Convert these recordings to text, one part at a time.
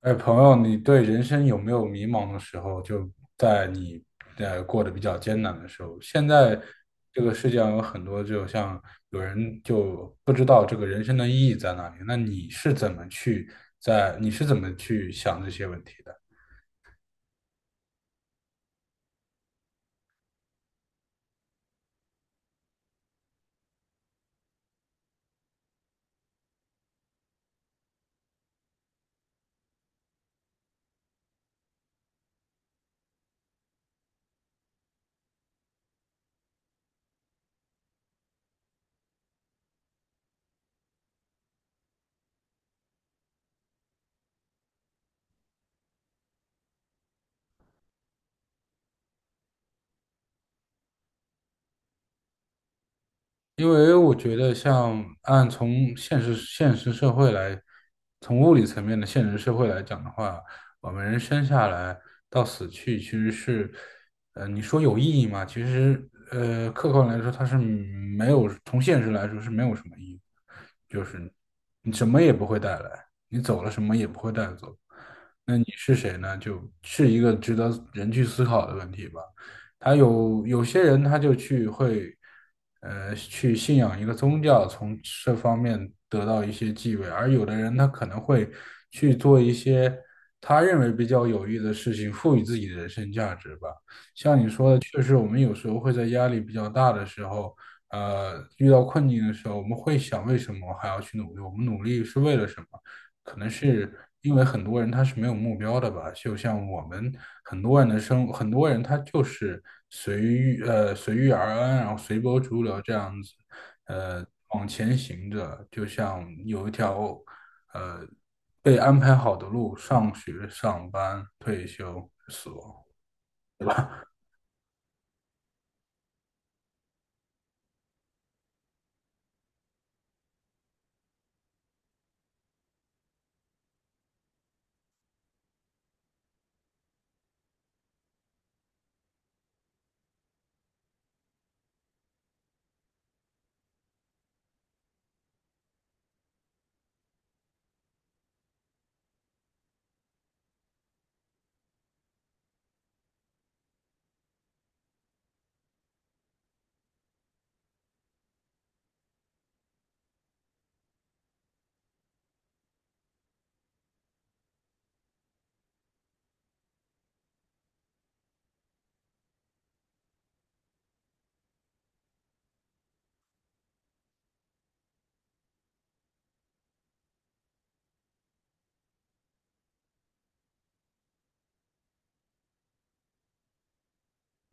哎，朋友，你对人生有没有迷茫的时候？就在你过得比较艰难的时候，现在这个世界上有很多，就像有人就不知道这个人生的意义在哪里。那你是怎么去你是怎么去想这些问题的？因为我觉得，像按从现实社会来，从物理层面的现实社会来讲的话，我们人生下来到死去，其实是，你说有意义吗？其实，客观来说，它是没有，从现实来说是没有什么意义，就是你什么也不会带来，你走了什么也不会带走，那你是谁呢？就是一个值得人去思考的问题吧。有些人他就去会，去信仰一个宗教，从这方面得到一些地位，而有的人他可能会去做一些他认为比较有益的事情，赋予自己的人生价值吧。就是我们有时候会在压力比较大的时候，遇到困境的时候，我们会想为什么我还要去努力？我们努力是为了什么？可能是因为很多人他是没有目标的吧，就像我们很多人他就是随遇而安，然后随波逐流这样子，往前行着，就像有一条呃被安排好的路，上学、上班、退休、死亡。对吧？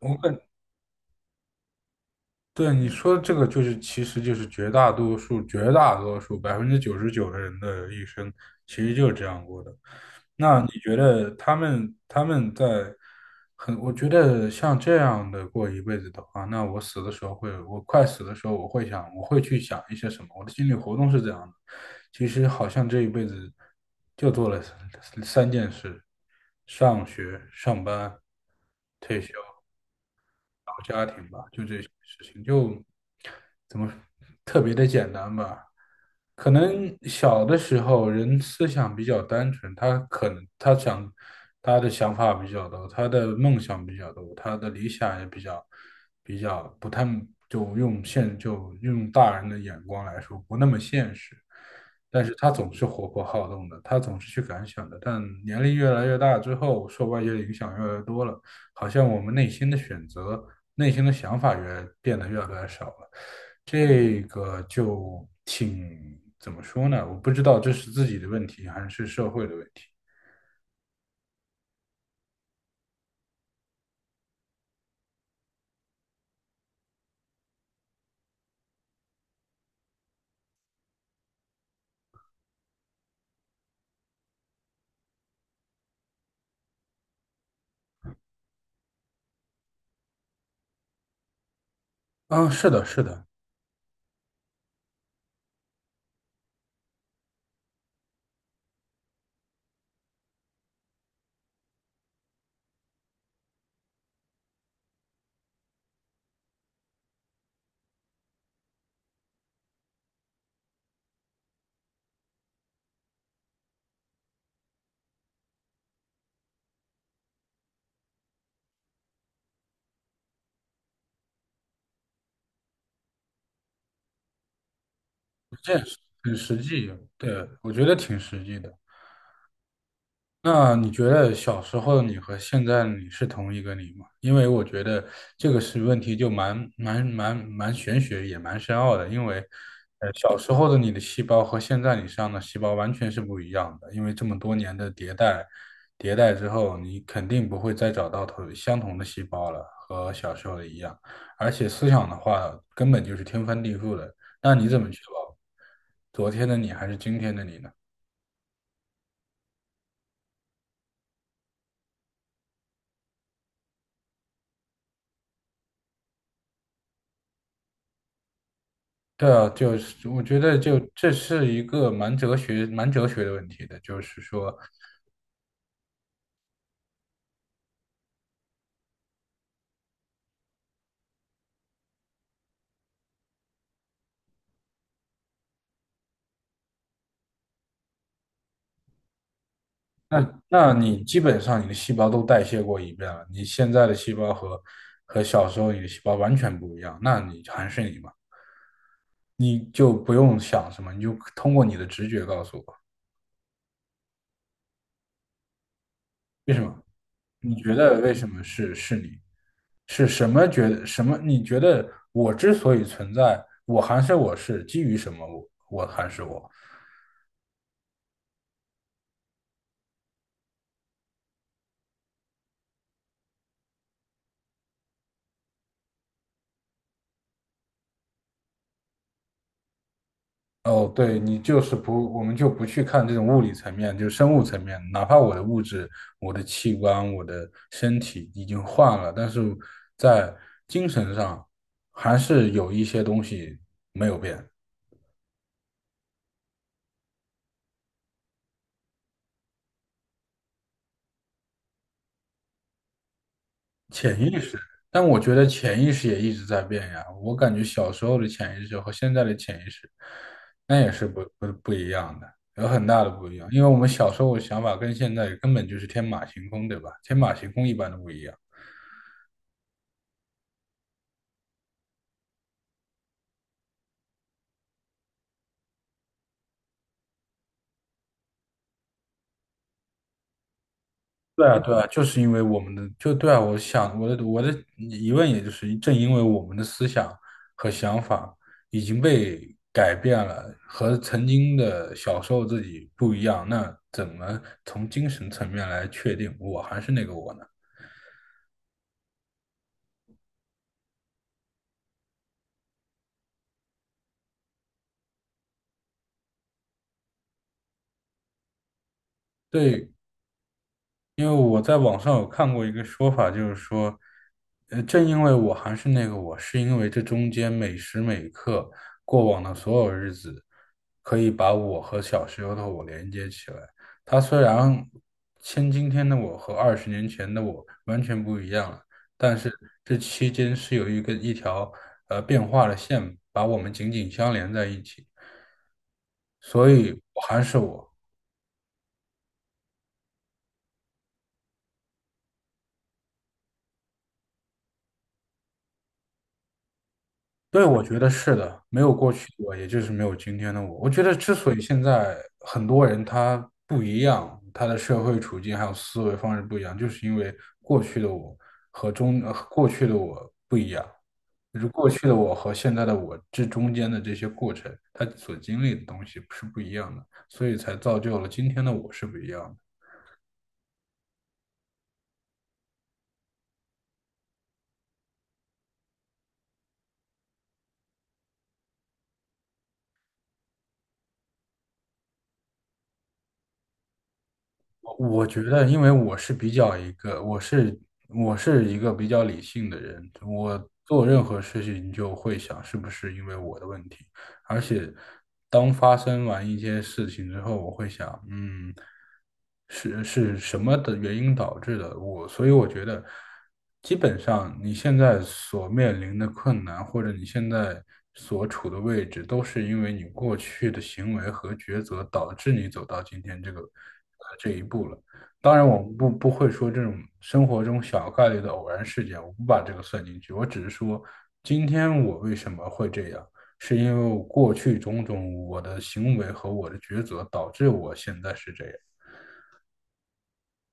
我们。对你说的这个，就是其实就是绝大多数99%的人的一生，其实就是这样过的。那你觉得他们在我觉得像这样的过一辈子的话，那我死的时候会，我快死的时候，我会去想一些什么？我的心理活动是这样的。其实好像这一辈子就做了三件事：上学、上班、退休。搞家庭吧，就这些事情，就怎么特别的简单吧。可能小的时候人思想比较单纯，他可能他想他的想法比较多，他的梦想比较多，他的理想也比较不太就用大人的眼光来说不那么现实，但是他总是活泼好动的，他总是去感想的。但年龄越来越大之后，受外界的影响越来越多了，好像我们内心的选择。内心的想法越变得越来越少了，这个就挺怎么说呢？我不知道这是自己的问题还是社会的问题。啊，是的，是的，这也是很实际。对，我觉得挺实际的。那你觉得小时候的你和现在的你是同一个你吗？因为我觉得这个是问题，就蛮玄学，也蛮深奥的。因为，小时候的你的细胞和现在你身上的细胞完全是不一样的。因为这么多年的迭代，迭代之后，你肯定不会再找到同相同的细胞了，和小时候的一样。而且思想的话，根本就是天翻地覆的。那你怎么确保昨天的你还是今天的你呢？对啊，就是我觉得就这是一个蛮哲学的问题的，就是说，那你基本上你的细胞都代谢过一遍了，你现在的细胞和小时候你的细胞完全不一样，那你还是你嘛，你就不用想什么，你就通过你的直觉告诉我为什么，你觉得为什么是你，是什么觉得什么？你觉得我之所以存在，我还是我是基于什么我还是我？哦，对，你就是不，我们就不去看这种物理层面，就生物层面，哪怕我的物质、我的器官、我的身体已经换了，但是在精神上还是有一些东西没有变，潜意识。但我觉得潜意识也一直在变呀，我感觉小时候的潜意识和现在的潜意识，那也是不一样的，有很大的不一样，因为我们小时候的想法跟现在根本就是天马行空，对吧？天马行空一般的不一样。对啊,就是因为我们的，就对啊，我想我的疑问，也就是正因为我们的思想和想法已经被改变了，和曾经的小时候自己不一样，那怎么从精神层面来确定我还是那个我呢？对，因为我在网上有看过一个说法，就是说，正因为我还是那个我，是因为这中间每时每刻过往的所有日子，可以把我和小时候的我连接起来。它虽然今天的我和20年前的我完全不一样了，但是这期间是有一条变化的线，把我们紧紧相连在一起。所以我还是我，对，我觉得是的，没有过去的我，也就是没有今天的我。我觉得之所以现在很多人他不一样，他的社会处境还有思维方式不一样，就是因为过去的我过去的我不一样，就是过去的我和现在的我这中间的这些过程，他所经历的东西是不一样的，所以才造就了今天的我是不一样的。我觉得，因为我是我是一个比较理性的人，我做任何事情就会想是不是因为我的问题。而且当发生完一些事情之后，我会想，嗯，是什么的原因导致的？我，所以我觉得，基本上你现在所面临的困难，或者你现在所处的位置，都是因为你过去的行为和抉择导致你走到今天这个这一步了。当然，我不不会说这种生活中小概率的偶然事件，我不把这个算进去。我只是说，今天我为什么会这样？是因为我过去种种我的行为和我的抉择导致我现在是这样。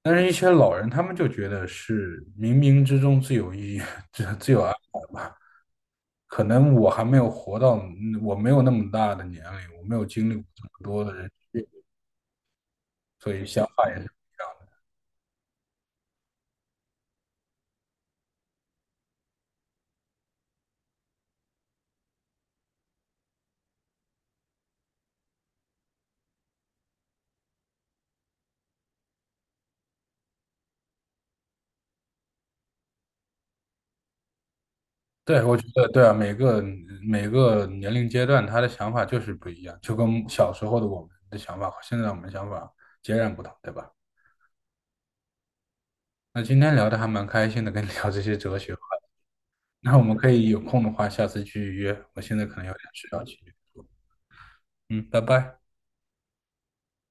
但是，一些老人他们就觉得是冥冥之中自有意义，自有安排。可能我还没有活到，嗯我没有那么大的年龄，我没有经历过这么多的人，所以想法也是。对，我觉得对啊，每个年龄阶段，他的想法就是不一样，就跟小时候的我们的想法和现在我们的想法截然不同，对吧？那今天聊的还蛮开心的，跟你聊这些哲学。那我们可以有空的话，下次去约。我现在可能有点事要去。嗯，拜拜。